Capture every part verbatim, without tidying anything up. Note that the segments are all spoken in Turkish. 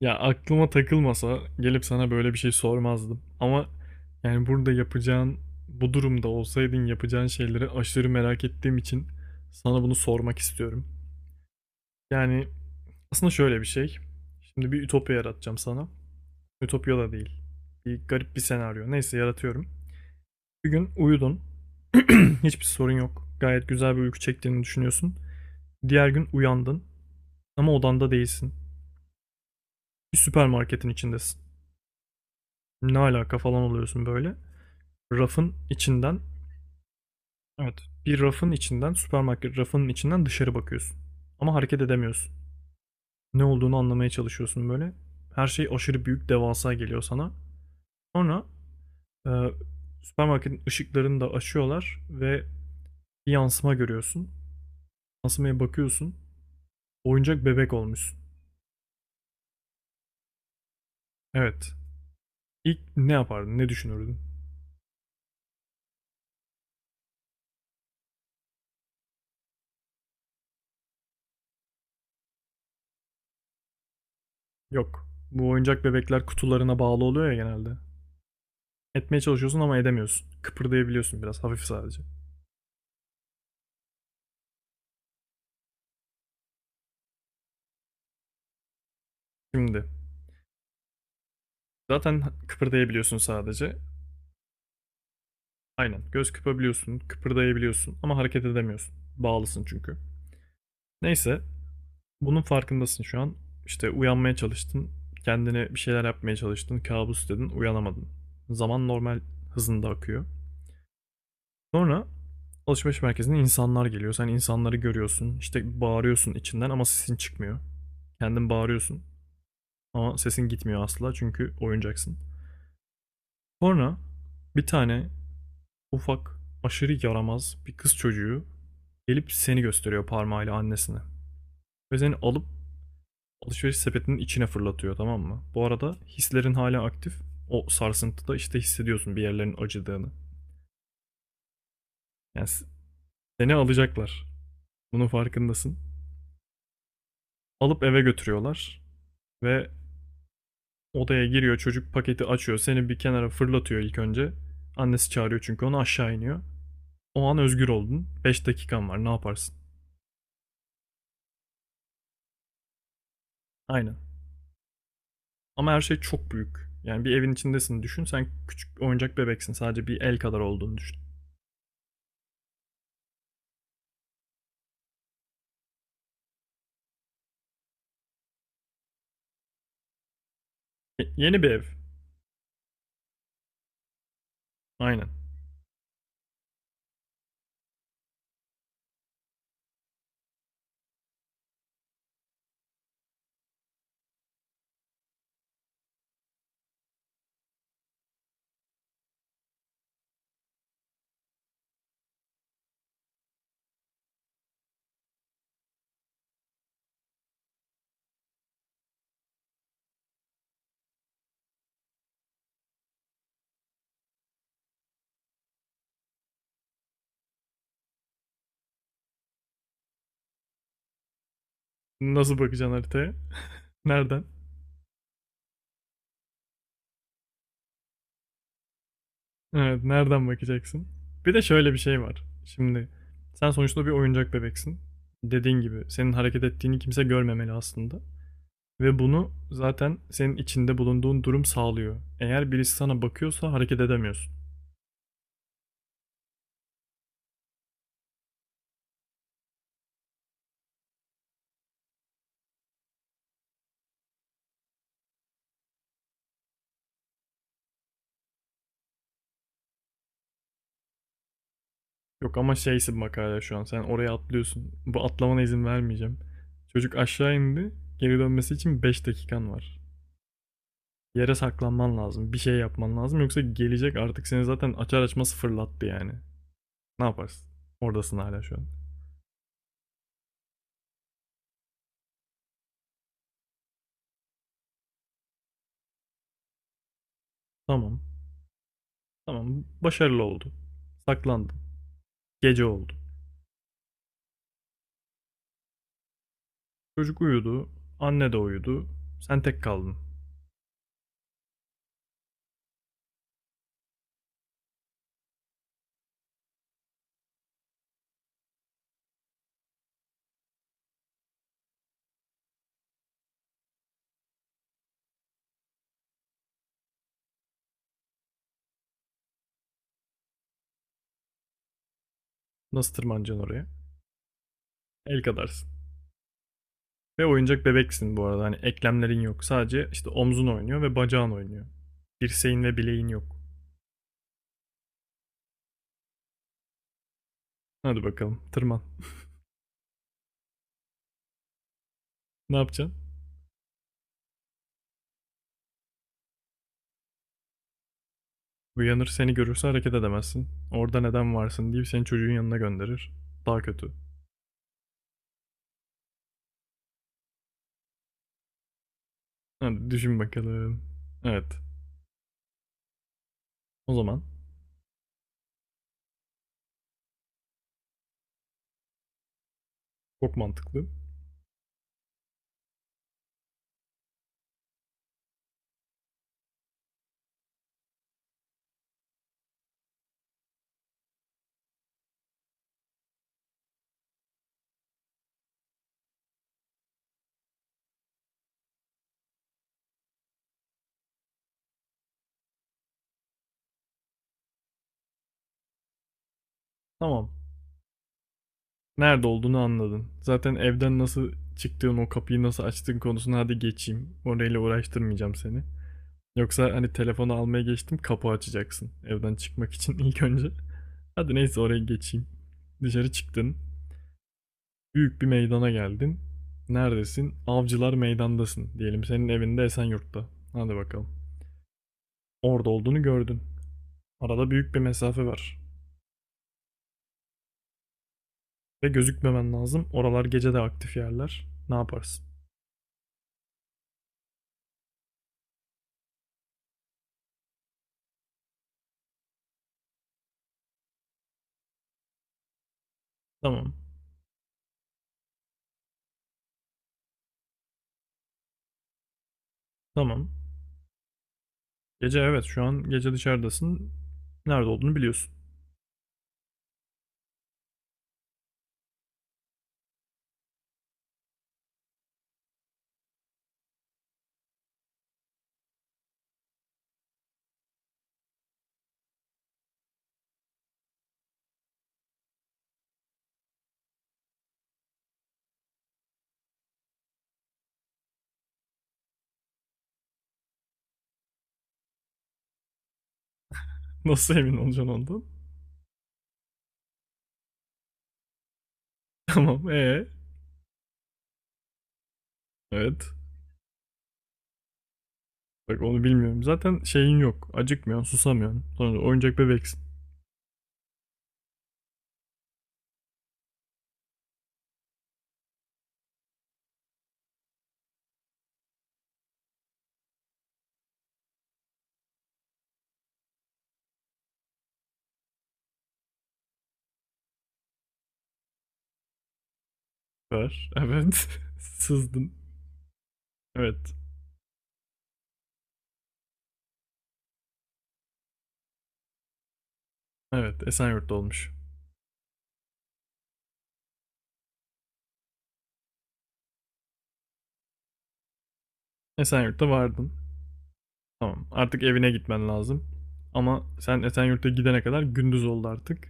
Ya aklıma takılmasa gelip sana böyle bir şey sormazdım. Ama yani burada yapacağın, bu durumda olsaydın yapacağın şeyleri aşırı merak ettiğim için sana bunu sormak istiyorum. Yani aslında şöyle bir şey. Şimdi bir ütopya yaratacağım sana. Ütopya da değil. Bir garip bir senaryo. Neyse yaratıyorum. Bir gün uyudun. Hiçbir sorun yok. Gayet güzel bir uyku çektiğini düşünüyorsun. Diğer gün uyandın ama odanda değilsin. Bir süpermarketin içindesin. Ne alaka falan oluyorsun böyle. Rafın içinden, evet, bir rafın içinden, süpermarket rafının içinden dışarı bakıyorsun. Ama hareket edemiyorsun. Ne olduğunu anlamaya çalışıyorsun böyle. Her şey aşırı büyük, devasa geliyor sana. Sonra e, süpermarketin ışıklarını da açıyorlar ve bir yansıma görüyorsun. Yansımaya bakıyorsun. Oyuncak bebek olmuşsun. Evet. İlk ne yapardın? Ne düşünürdün? Yok. Bu oyuncak bebekler kutularına bağlı oluyor ya genelde. Etmeye çalışıyorsun ama edemiyorsun. Kıpırdayabiliyorsun biraz hafif sadece. Şimdi, zaten kıpırdayabiliyorsun sadece. Aynen. Göz kıpabiliyorsun, kıpırdayabiliyorsun ama hareket edemiyorsun. Bağlısın çünkü. Neyse, bunun farkındasın şu an. İşte uyanmaya çalıştın, kendine bir şeyler yapmaya çalıştın, kabus dedin, uyanamadın. Zaman normal hızında akıyor. Sonra alışveriş merkezine insanlar geliyor. Sen insanları görüyorsun. İşte bağırıyorsun içinden ama sesin çıkmıyor. Kendin bağırıyorsun ama sesin gitmiyor asla çünkü oyuncaksın. Sonra bir tane ufak, aşırı yaramaz bir kız çocuğu gelip seni gösteriyor parmağıyla annesine. Ve seni alıp alışveriş sepetinin içine fırlatıyor, tamam mı? Bu arada hislerin hala aktif. O sarsıntıda işte hissediyorsun bir yerlerin acıdığını. Yani seni alacaklar. Bunun farkındasın. Alıp eve götürüyorlar ve odaya giriyor çocuk, paketi açıyor. Seni bir kenara fırlatıyor ilk önce. Annesi çağırıyor çünkü onu, aşağı iniyor. O an özgür oldun. Beş dakikan var, ne yaparsın? Aynen. Ama her şey çok büyük. Yani bir evin içindesin düşün. Sen küçük oyuncak bebeksin. Sadece bir el kadar olduğunu düşün. Y- yeni bir ev. Aynen. Nasıl bakacaksın haritaya? Nereden? Evet, nereden bakacaksın? Bir de şöyle bir şey var. Şimdi sen sonuçta bir oyuncak bebeksin. Dediğin gibi senin hareket ettiğini kimse görmemeli aslında. Ve bunu zaten senin içinde bulunduğun durum sağlıyor. Eğer birisi sana bakıyorsa hareket edemiyorsun. Yok ama şeysin bak hala şu an. Sen oraya atlıyorsun. Bu atlamana izin vermeyeceğim. Çocuk aşağı indi. Geri dönmesi için beş dakikan var. Yere saklanman lazım. Bir şey yapman lazım. Yoksa gelecek artık, seni zaten açar açmaz fırlattı yani. Ne yaparsın? Oradasın hala şu an. Tamam. Tamam. Başarılı oldu. Saklandın. Gece oldu. Çocuk uyudu. Anne de uyudu. Sen tek kaldın. Nasıl tırmanacaksın oraya? El kadarsın. Ve oyuncak bebeksin bu arada. Hani eklemlerin yok. Sadece işte omzun oynuyor ve bacağın oynuyor. Dirseğin ve bileğin yok. Hadi bakalım tırman. Ne yapacaksın? Uyanır seni görürse hareket edemezsin. Orada neden varsın deyip seni çocuğun yanına gönderir. Daha kötü. Hadi düşün bakalım. Evet. O zaman çok mantıklı. Tamam. Nerede olduğunu anladın. Zaten evden nasıl çıktığın, o kapıyı nasıl açtığın konusuna hadi geçeyim. Orayla uğraştırmayacağım seni. Yoksa hani telefonu almaya geçtim, kapı açacaksın evden çıkmak için ilk önce. Hadi neyse oraya geçeyim. Dışarı çıktın. Büyük bir meydana geldin. Neredesin? Avcılar Meydan'dasın. Diyelim senin evinde Esenyurt'ta. Hadi bakalım. Orada olduğunu gördün. Arada büyük bir mesafe var. Ve gözükmemen lazım. Oralar gece de aktif yerler. Ne yaparsın? Tamam. Tamam. Gece, evet, şu an gece dışarıdasın. Nerede olduğunu biliyorsun. Nasıl emin olacaksın ondan? Tamam. Ee. Evet. Bak onu bilmiyorum. Zaten şeyin yok. Acıkmıyorsun, susamıyorsun. Sonra oyuncak bebeksin. Var. Evet. Sızdın. Evet. Evet. Esenyurt'ta olmuş. Esenyurt'ta vardın. Tamam. Artık evine gitmen lazım. Ama sen Esenyurt'a gidene kadar gündüz oldu artık.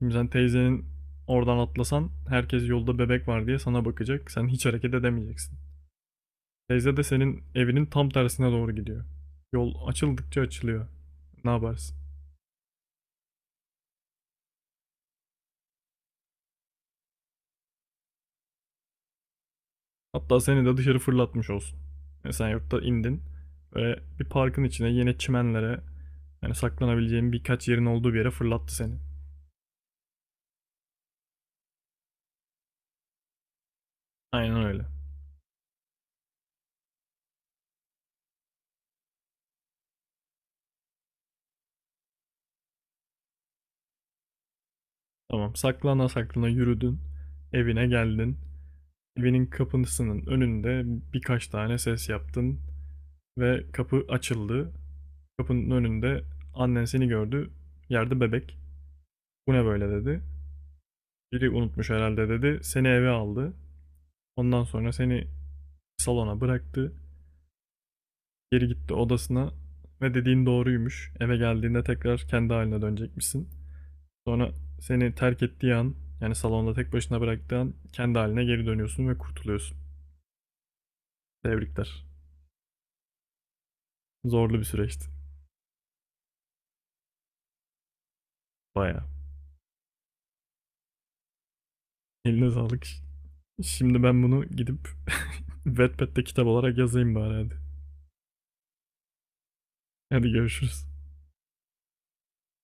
Şimdi sen teyzenin oradan atlasan herkes yolda bebek var diye sana bakacak. Sen hiç hareket edemeyeceksin. Teyze de senin evinin tam tersine doğru gidiyor. Yol açıldıkça açılıyor. Ne yaparsın? Hatta seni de dışarı fırlatmış olsun. Yani sen yurtta indin ve bir parkın içine, yine çimenlere, yani saklanabileceğin birkaç yerin olduğu bir yere fırlattı seni. Aynen öyle. Tamam, saklana saklana yürüdün. Evine geldin. Evinin kapısının önünde birkaç tane ses yaptın ve kapı açıldı. Kapının önünde annen seni gördü. Yerde bebek. Bu ne böyle dedi. Biri unutmuş herhalde dedi. Seni eve aldı. Ondan sonra seni salona bıraktı. Geri gitti odasına ve dediğin doğruymuş. Eve geldiğinde tekrar kendi haline dönecekmişsin. Sonra seni terk ettiği an, yani salonda tek başına bıraktığı an kendi haline geri dönüyorsun ve kurtuluyorsun. Tebrikler. Zorlu bir süreçti. Bayağı. Eline sağlık. Şimdi ben bunu gidip Wattpad'de kitap olarak yazayım bari hadi. Hadi görüşürüz.